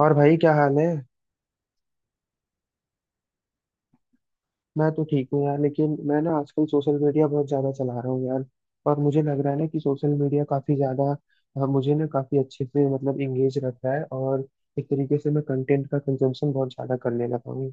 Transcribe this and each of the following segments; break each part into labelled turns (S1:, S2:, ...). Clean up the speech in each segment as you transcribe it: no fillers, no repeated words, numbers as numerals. S1: और भाई क्या हाल है। मैं तो ठीक हूँ यार, लेकिन मैं ना आजकल सोशल मीडिया बहुत ज्यादा चला रहा हूँ यार। और मुझे लग रहा है ना कि सोशल मीडिया काफी ज्यादा, मुझे ना काफी अच्छे से मतलब इंगेज रख रहा है। और एक तरीके से मैं कंटेंट का कंजम्पशन बहुत ज्यादा करने लगा हूँ।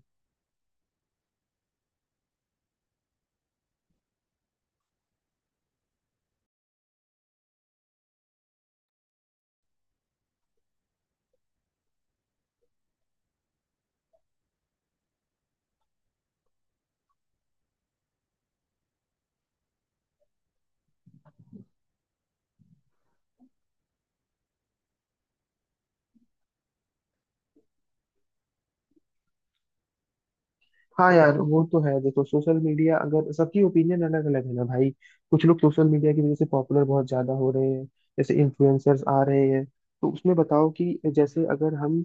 S1: हाँ यार, वो तो है। देखो, सोशल मीडिया अगर सबकी ओपिनियन अलग अलग है ना भाई। कुछ लोग सोशल मीडिया की वजह से पॉपुलर बहुत ज्यादा हो रहे हैं, जैसे इन्फ्लुएंसर्स आ रहे हैं। तो उसमें बताओ कि जैसे अगर हम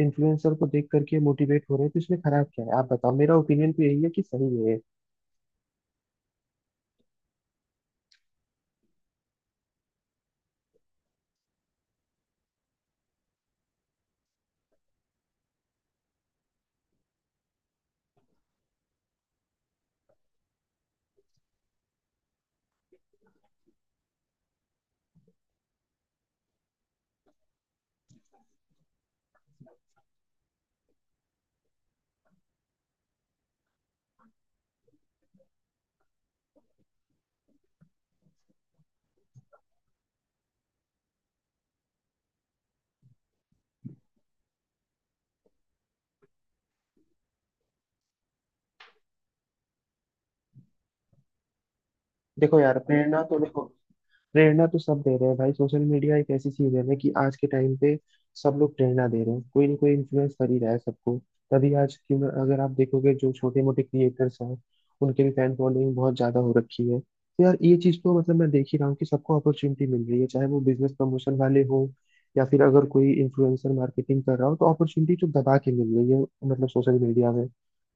S1: इन्फ्लुएंसर को देख करके मोटिवेट हो रहे हैं तो इसमें खराब क्या है? आप बताओ, मेरा ओपिनियन तो यही है कि सही है। देखो यार प्रेरणा तो देखो, प्रेरणा तो सब दे रहे हैं भाई। सोशल मीडिया एक ऐसी चीज है ना कि आज के टाइम पे सब लोग प्रेरणा दे रहे हैं, कोई ना कोई इन्फ्लुएंस कर ही रहा है सबको। तभी आज अगर आप देखोगे जो छोटे मोटे क्रिएटर्स हैं उनके भी फैन फॉलोइंग बहुत ज्यादा हो रखी है। तो यार ये चीज तो मतलब मैं देख ही रहा हूँ कि सबको अपॉर्चुनिटी मिल रही है, चाहे वो बिजनेस प्रमोशन वाले हो या फिर अगर कोई इन्फ्लुएंसर मार्केटिंग कर रहा हो, तो अपॉर्चुनिटी तो दबा के मिल रही है मतलब सोशल मीडिया में।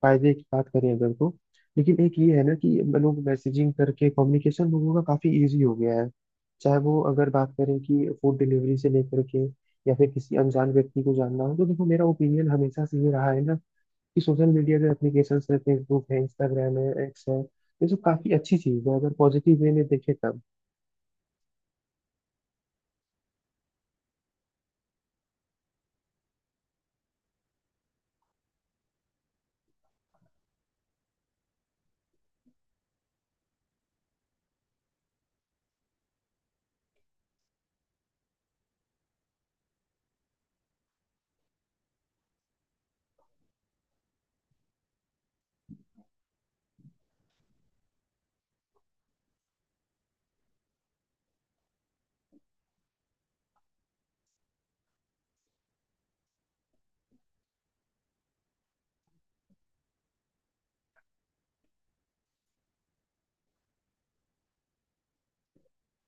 S1: फायदे की बात करें अगर, तो लेकिन एक ये है ना कि लोग मैसेजिंग करके कम्युनिकेशन लोगों का काफी इजी हो गया है। चाहे वो अगर बात करें कि फूड डिलीवरी से लेकर के या फिर किसी अनजान व्यक्ति को जानना हो, तो देखो मेरा ओपिनियन हमेशा से ये रहा है ना कि सोशल मीडिया जो एप्लीकेशंस है, फेसबुक है, इंस्टाग्राम है, एक्स है, ये सब काफी अच्छी चीज है अगर पॉजिटिव वे में देखें तब।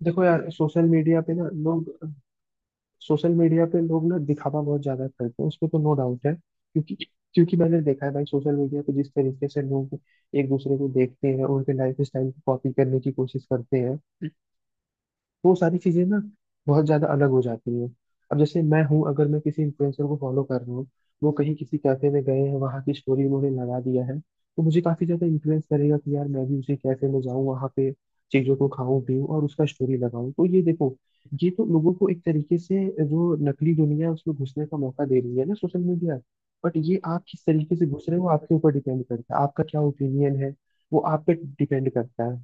S1: देखो यार सोशल मीडिया पे ना लोग, सोशल मीडिया पे लोग ना दिखावा बहुत ज्यादा करते हैं उसमें तो नो डाउट है। क्योंकि क्योंकि मैंने देखा है भाई सोशल मीडिया पे जिस तरीके से लोग एक दूसरे को देखते हैं, उनके लाइफ स्टाइल को कॉपी करने की कोशिश करते हैं। वो सारी चीजें ना बहुत ज्यादा अलग हो जाती हैं। अब जैसे मैं हूँ, अगर मैं किसी इन्फ्लुएंसर को फॉलो कर रहा हूँ, वो कहीं किसी कैफे में गए हैं, वहाँ की स्टोरी उन्होंने लगा दिया है, तो मुझे काफी ज्यादा इन्फ्लुएंस करेगा कि यार मैं भी उसी कैफे में जाऊँ, वहाँ पे चीजों को खाऊं पीऊं और उसका स्टोरी लगाऊं। तो ये देखो, ये तो लोगों को एक तरीके से जो नकली दुनिया है उसमें घुसने का मौका दे रही है ना सोशल मीडिया। बट ये आप किस तरीके से घुस रहे हो आपके ऊपर डिपेंड करता है, आपका क्या ओपिनियन है, वो आप पे डिपेंड करता है।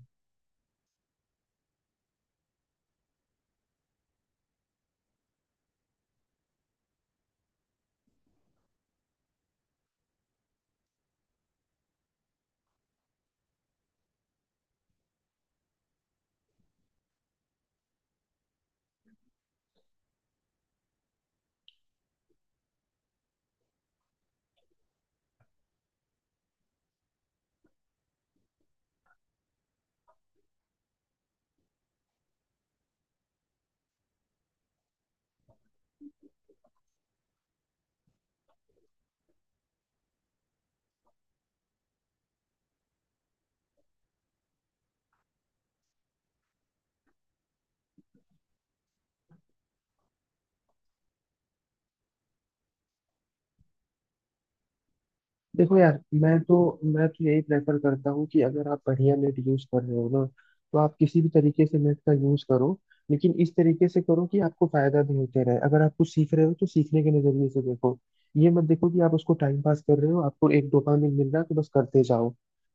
S1: देखो यार, मैं तो मैं तो यही प्रेफर करता हूँ कि अगर आप बढ़िया नेट यूज कर रहे हो ना, तो आप किसी भी तरीके से नेट का यूज करो, लेकिन इस तरीके से करो कि आपको फायदा भी होते रहे। अगर आप कुछ सीख रहे हो तो सीखने के नजरिए से देखो, ये मत देखो कि आप उसको टाइम पास कर रहे हो, आपको एक डोपामिन मिल रहा है तो बस करते जाओ,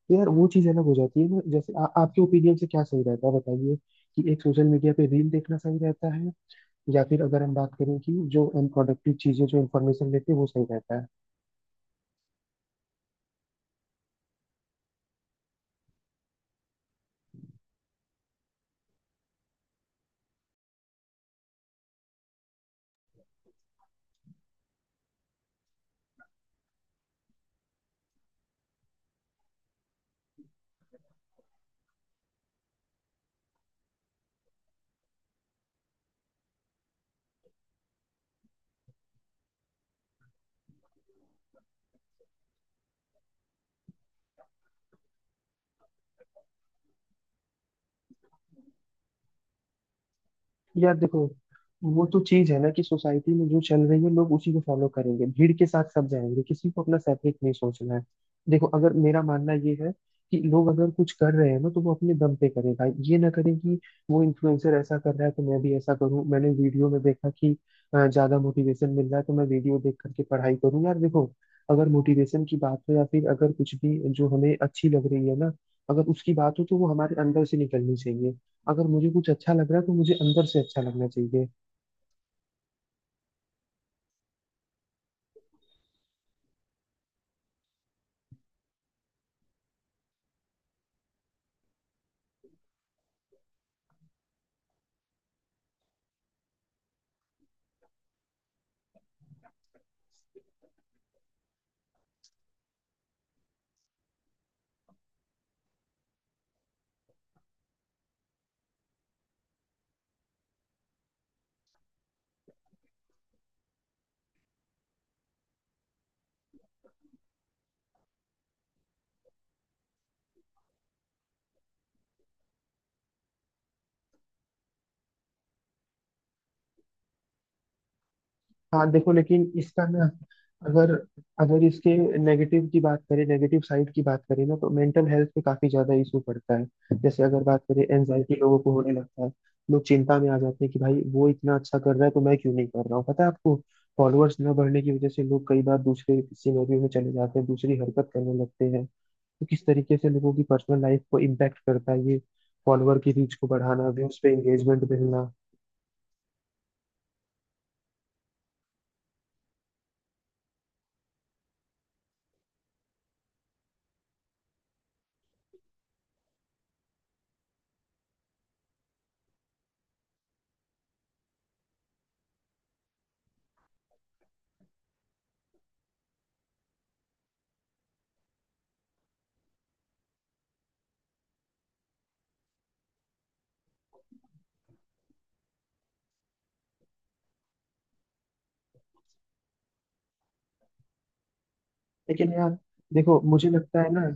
S1: तो यार वो चीज अलग हो जाती है ना। जैसे आपके ओपिनियन से क्या सही रहता है बताइए कि एक सोशल मीडिया पे रील देखना सही रहता है या फिर अगर हम बात करें कि जो अनप्रोडक्टिव चीजें जो इन्फॉर्मेशन लेते हैं वो सही रहता है। यार देखो, वो तो चीज है ना कि सोसाइटी में जो चल रही है लोग उसी को फॉलो करेंगे, भीड़ के साथ सब जाएंगे, किसी को अपना सेपरेट नहीं सोचना है। देखो, अगर मेरा मानना ये है कि लोग अगर कुछ कर रहे हैं ना तो वो अपने दम पे करें भाई, ये ना करें कि वो इन्फ्लुएंसर ऐसा कर रहा है तो मैं भी ऐसा करूं। मैंने वीडियो में देखा कि ज्यादा मोटिवेशन मिल रहा है तो मैं वीडियो देख करके पढ़ाई करूं। यार देखो, अगर मोटिवेशन की बात हो या फिर अगर कुछ भी जो हमें अच्छी लग रही है ना, अगर उसकी बात हो तो वो हमारे अंदर से निकलनी चाहिए। अगर मुझे कुछ अच्छा लग रहा है तो मुझे अंदर से अच्छा लगना चाहिए। हाँ देखो, लेकिन इसका ना, अगर अगर इसके नेगेटिव की बात करें, नेगेटिव साइड की बात करें ना, तो मेंटल हेल्थ पे काफी ज्यादा इशू पड़ता है। जैसे अगर बात करें, एनजाइटी लोगों को होने लगता है, लोग चिंता में आ जाते हैं कि भाई वो इतना अच्छा कर रहा है तो मैं क्यों नहीं कर रहा हूँ, पता है आपको। फॉलोअर्स न बढ़ने की वजह से लोग कई बार दूसरे सिनेरियो में चले जाते हैं, दूसरी हरकत करने लगते हैं। तो किस तरीके से लोगों की पर्सनल लाइफ को इम्पैक्ट करता है ये, फॉलोअर की रीच को बढ़ाना, व्यूज पे एंगेजमेंट मिलना। लेकिन यार देखो, मुझे लगता है ना,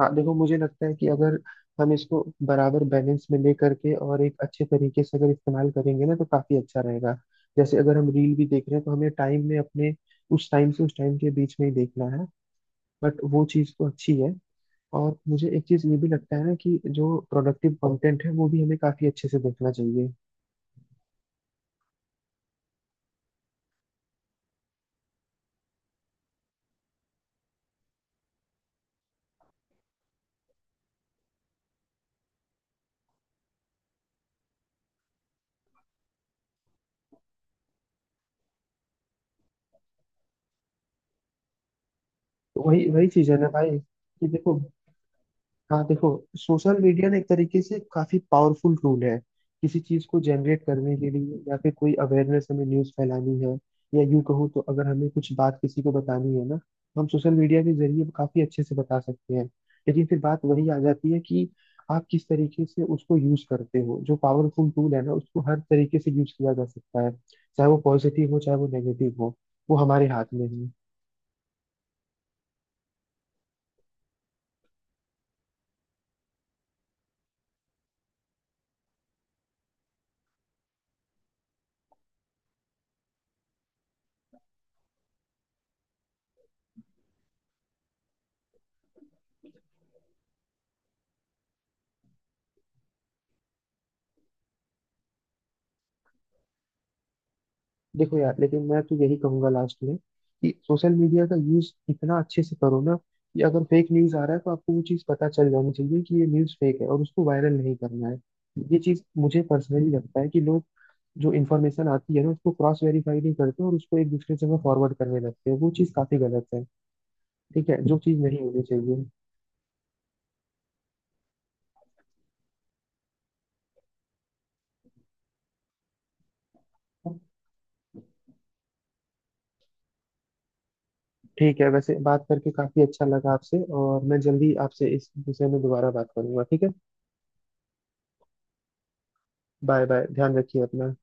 S1: हाँ देखो मुझे लगता है कि अगर हम इसको बराबर बैलेंस में ले करके और एक अच्छे तरीके से अगर इस्तेमाल करेंगे ना, तो काफी अच्छा रहेगा। जैसे अगर हम रील भी देख रहे हैं तो हमें टाइम में अपने, उस टाइम से उस टाइम के बीच में ही देखना है, बट वो चीज़ तो अच्छी है। और मुझे एक चीज़ ये भी लगता है ना कि जो प्रोडक्टिव कंटेंट है वो भी हमें काफी अच्छे से देखना चाहिए। तो वही वही चीज़ है ना भाई कि देखो, हाँ देखो, सोशल मीडिया ना एक तरीके से काफी पावरफुल टूल है किसी चीज को जनरेट करने के लिए। या फिर कोई अवेयरनेस हमें न्यूज फैलानी है, या यूं कहूँ तो अगर हमें कुछ बात किसी को बतानी है ना, तो हम सोशल मीडिया के जरिए काफी अच्छे से बता सकते हैं। लेकिन फिर बात वही आ जाती है कि आप किस तरीके से उसको यूज करते हो। जो पावरफुल टूल है ना उसको हर तरीके से यूज किया जा सकता है, चाहे वो पॉजिटिव हो चाहे वो नेगेटिव हो, वो हमारे हाथ में है। देखो यार, लेकिन मैं तो यही कहूंगा लास्ट में कि सोशल मीडिया का यूज इतना अच्छे से करो ना कि अगर फेक न्यूज आ रहा है तो आपको वो चीज पता चल जानी चाहिए कि ये न्यूज फेक है और उसको वायरल नहीं करना है। ये चीज मुझे पर्सनली लगता है कि लोग जो इन्फॉर्मेशन आती है ना उसको क्रॉस वेरीफाई नहीं करते और उसको एक दूसरे जगह फॉरवर्ड करने लगते हैं, वो चीज काफी गलत है। ठीक है, जो चीज नहीं होनी चाहिए। ठीक है, वैसे बात करके काफी अच्छा लगा आपसे, और मैं जल्दी आपसे इस विषय में दोबारा बात करूंगा, ठीक है। बाय बाय, ध्यान रखिए अपना।